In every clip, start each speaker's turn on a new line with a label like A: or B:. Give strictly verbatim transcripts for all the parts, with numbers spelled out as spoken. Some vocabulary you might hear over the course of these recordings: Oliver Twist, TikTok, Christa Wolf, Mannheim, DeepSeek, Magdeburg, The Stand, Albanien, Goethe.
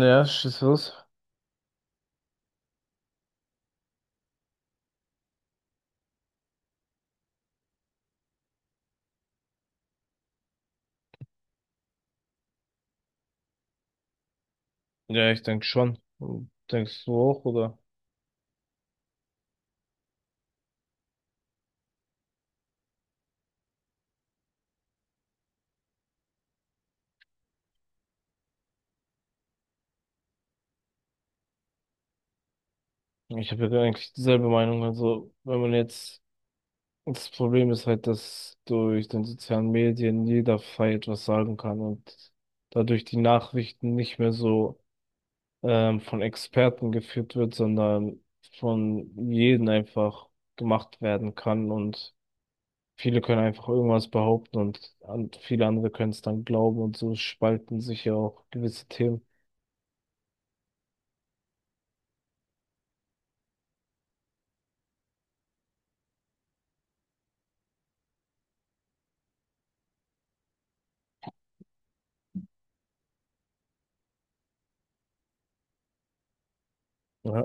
A: Ja, schieß los. Ja, ich denke schon. Denkst du auch, oder? Ich habe ja eigentlich dieselbe Meinung. Also, wenn man jetzt, das Problem ist halt, dass durch den sozialen Medien jeder frei etwas sagen kann und dadurch die Nachrichten nicht mehr so ähm, von Experten geführt wird, sondern von jedem einfach gemacht werden kann und viele können einfach irgendwas behaupten und an- viele andere können es dann glauben und so spalten sich ja auch gewisse Themen. Ja.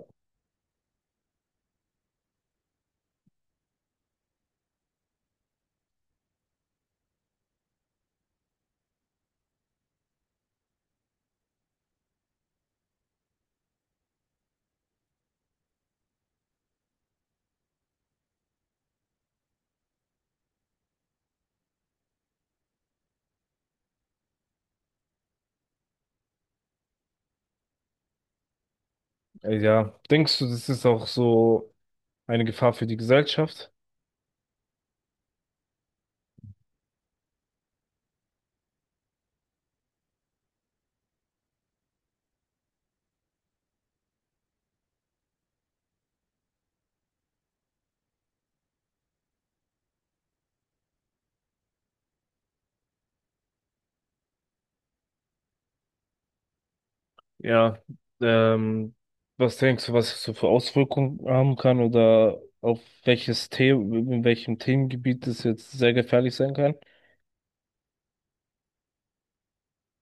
A: Äh, Ja, denkst du, das ist auch so eine Gefahr für die Gesellschaft? Ja, ähm, was denkst du, was es so für Auswirkungen haben kann oder auf welches Thema, in welchem Themengebiet es jetzt sehr gefährlich sein kann?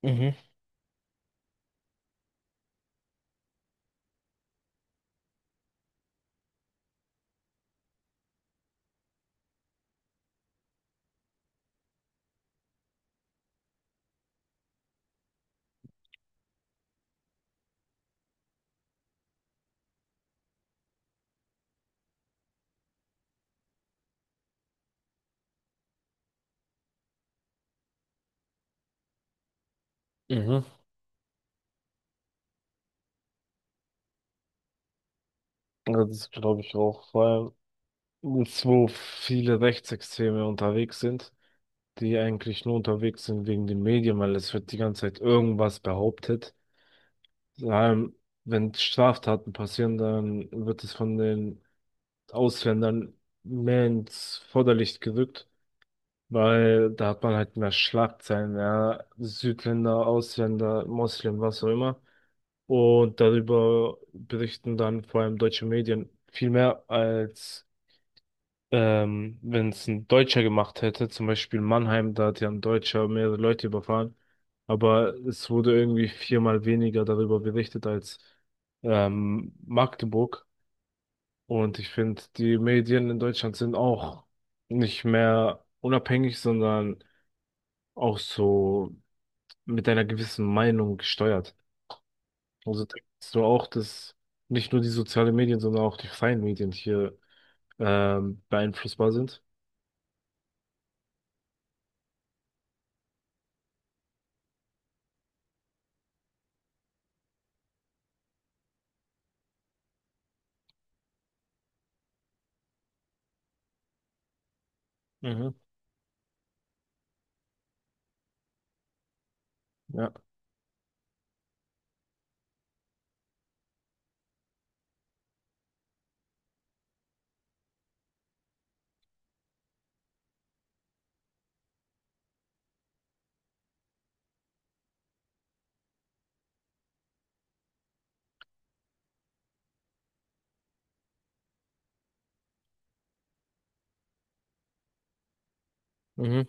A: Mhm. Mhm. Ja, das glaube ich auch, vor allem jetzt, wo viele Rechtsextreme unterwegs sind, die eigentlich nur unterwegs sind wegen den Medien, weil es wird die ganze Zeit irgendwas behauptet. Vor allem, wenn Straftaten passieren, dann wird es von den Ausländern mehr ins Vorderlicht gerückt, weil da hat man halt mehr Schlagzeilen, ja, Südländer, Ausländer, Moslem, was auch immer. Und darüber berichten dann vor allem deutsche Medien viel mehr als ähm, wenn es ein Deutscher gemacht hätte, zum Beispiel Mannheim, da hat ja ein Deutscher mehrere Leute überfahren, aber es wurde irgendwie viermal weniger darüber berichtet als ähm, Magdeburg. Und ich finde, die Medien in Deutschland sind auch nicht mehr unabhängig, sondern auch so mit einer gewissen Meinung gesteuert. Also denkst du auch, dass nicht nur die sozialen Medien, sondern auch die freien Medien hier ähm, beeinflussbar sind? Mhm, ja. Mhm,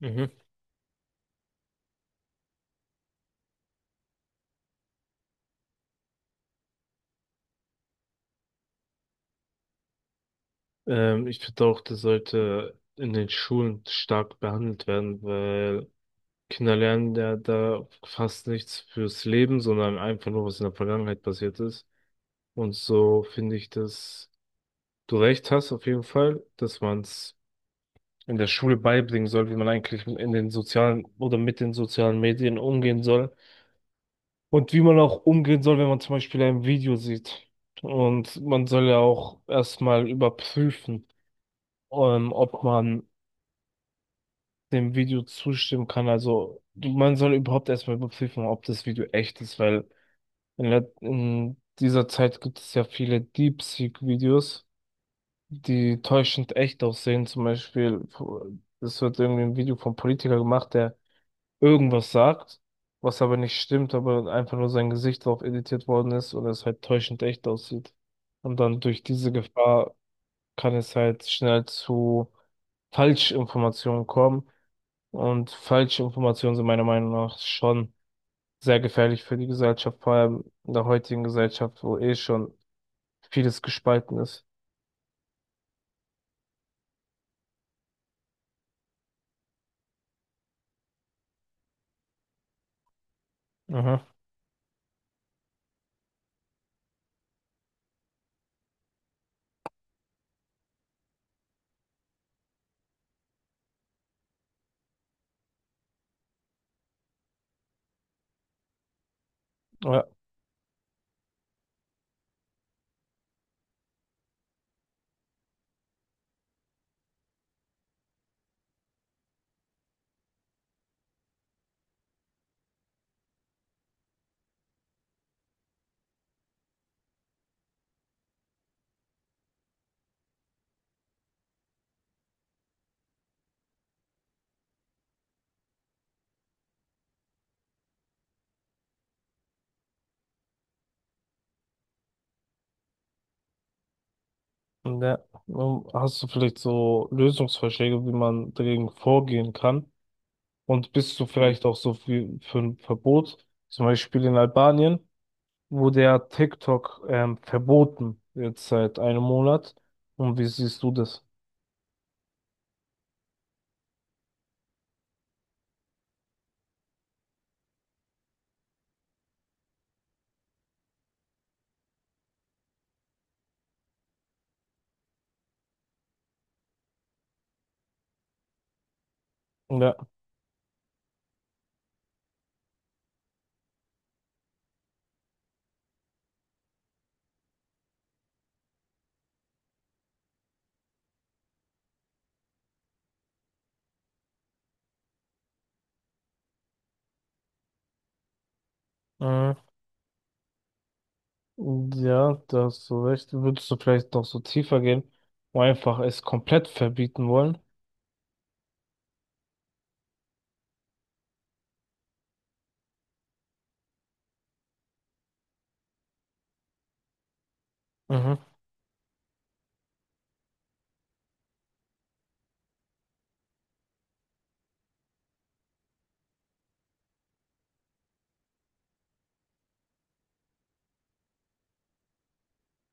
A: mhm. Ähm, ich finde auch, das sollte in den Schulen stark behandelt werden, weil Kinder lernen ja da fast nichts fürs Leben, sondern einfach nur, was in der Vergangenheit passiert ist. Und so finde ich, dass du recht hast, auf jeden Fall, dass man es in der Schule beibringen soll, wie man eigentlich in den sozialen oder mit den sozialen Medien umgehen soll. Und wie man auch umgehen soll, wenn man zum Beispiel ein Video sieht. Und man soll ja auch erstmal überprüfen, ähm, ob man dem Video zustimmen kann. Also du- man soll überhaupt erstmal überprüfen, ob das Video echt ist, weil in, der, in dieser Zeit gibt es ja viele DeepSeek-Videos die täuschend echt aussehen. Zum Beispiel, es wird irgendwie ein Video vom Politiker gemacht, der irgendwas sagt, was aber nicht stimmt, aber einfach nur sein Gesicht drauf editiert worden ist und es halt täuschend echt aussieht. Und dann durch diese Gefahr kann es halt schnell zu Falschinformationen kommen. Und Falschinformationen sind meiner Meinung nach schon sehr gefährlich für die Gesellschaft, vor allem in der heutigen Gesellschaft, wo eh schon vieles gespalten ist. Mhm. Ja. Ja, ähm, hast du vielleicht so Lösungsvorschläge, wie man dagegen vorgehen kann? Und bist du vielleicht auch so für, für ein Verbot, zum Beispiel in Albanien, wurde ja tick tock ähm, verboten, jetzt seit einem Monat. Und wie siehst du das? Ja, mhm. Ja, da hast du recht. Würdest du vielleicht noch so tiefer gehen und einfach es komplett verbieten wollen? Mhm,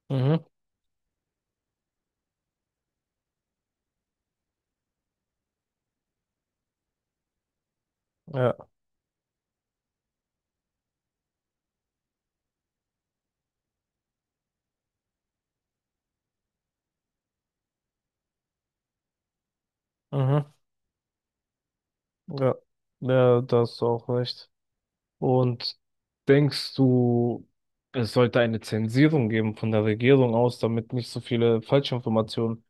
A: mhm, ja, mhm, ja, ja, da hast du auch recht. Und denkst du, es sollte eine Zensierung geben von der Regierung aus, damit nicht so viele Falschinformationen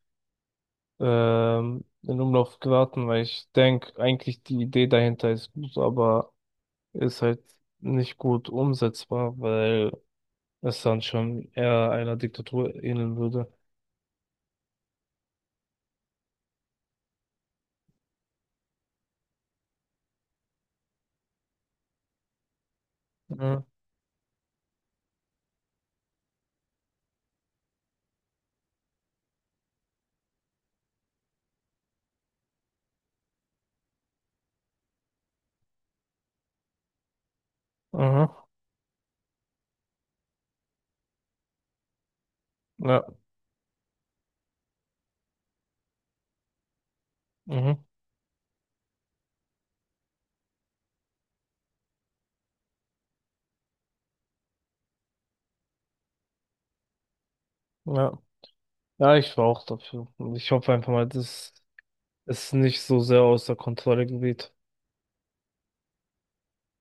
A: ähm, in Umlauf geraten? Weil ich denke, eigentlich die Idee dahinter ist gut, aber ist halt nicht gut umsetzbar, weil es dann schon eher einer Diktatur ähneln würde. Mhm. Mhm. Ja. Mhm. Ja. Ja, ich war auch dafür. Und ich hoffe einfach mal, dass es nicht so sehr außer Kontrolle gerät.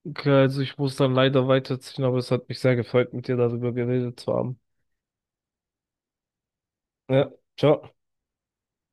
A: Okay, also ich muss dann leider weiterziehen, aber es hat mich sehr gefreut, mit dir darüber geredet zu haben. Ja, ciao.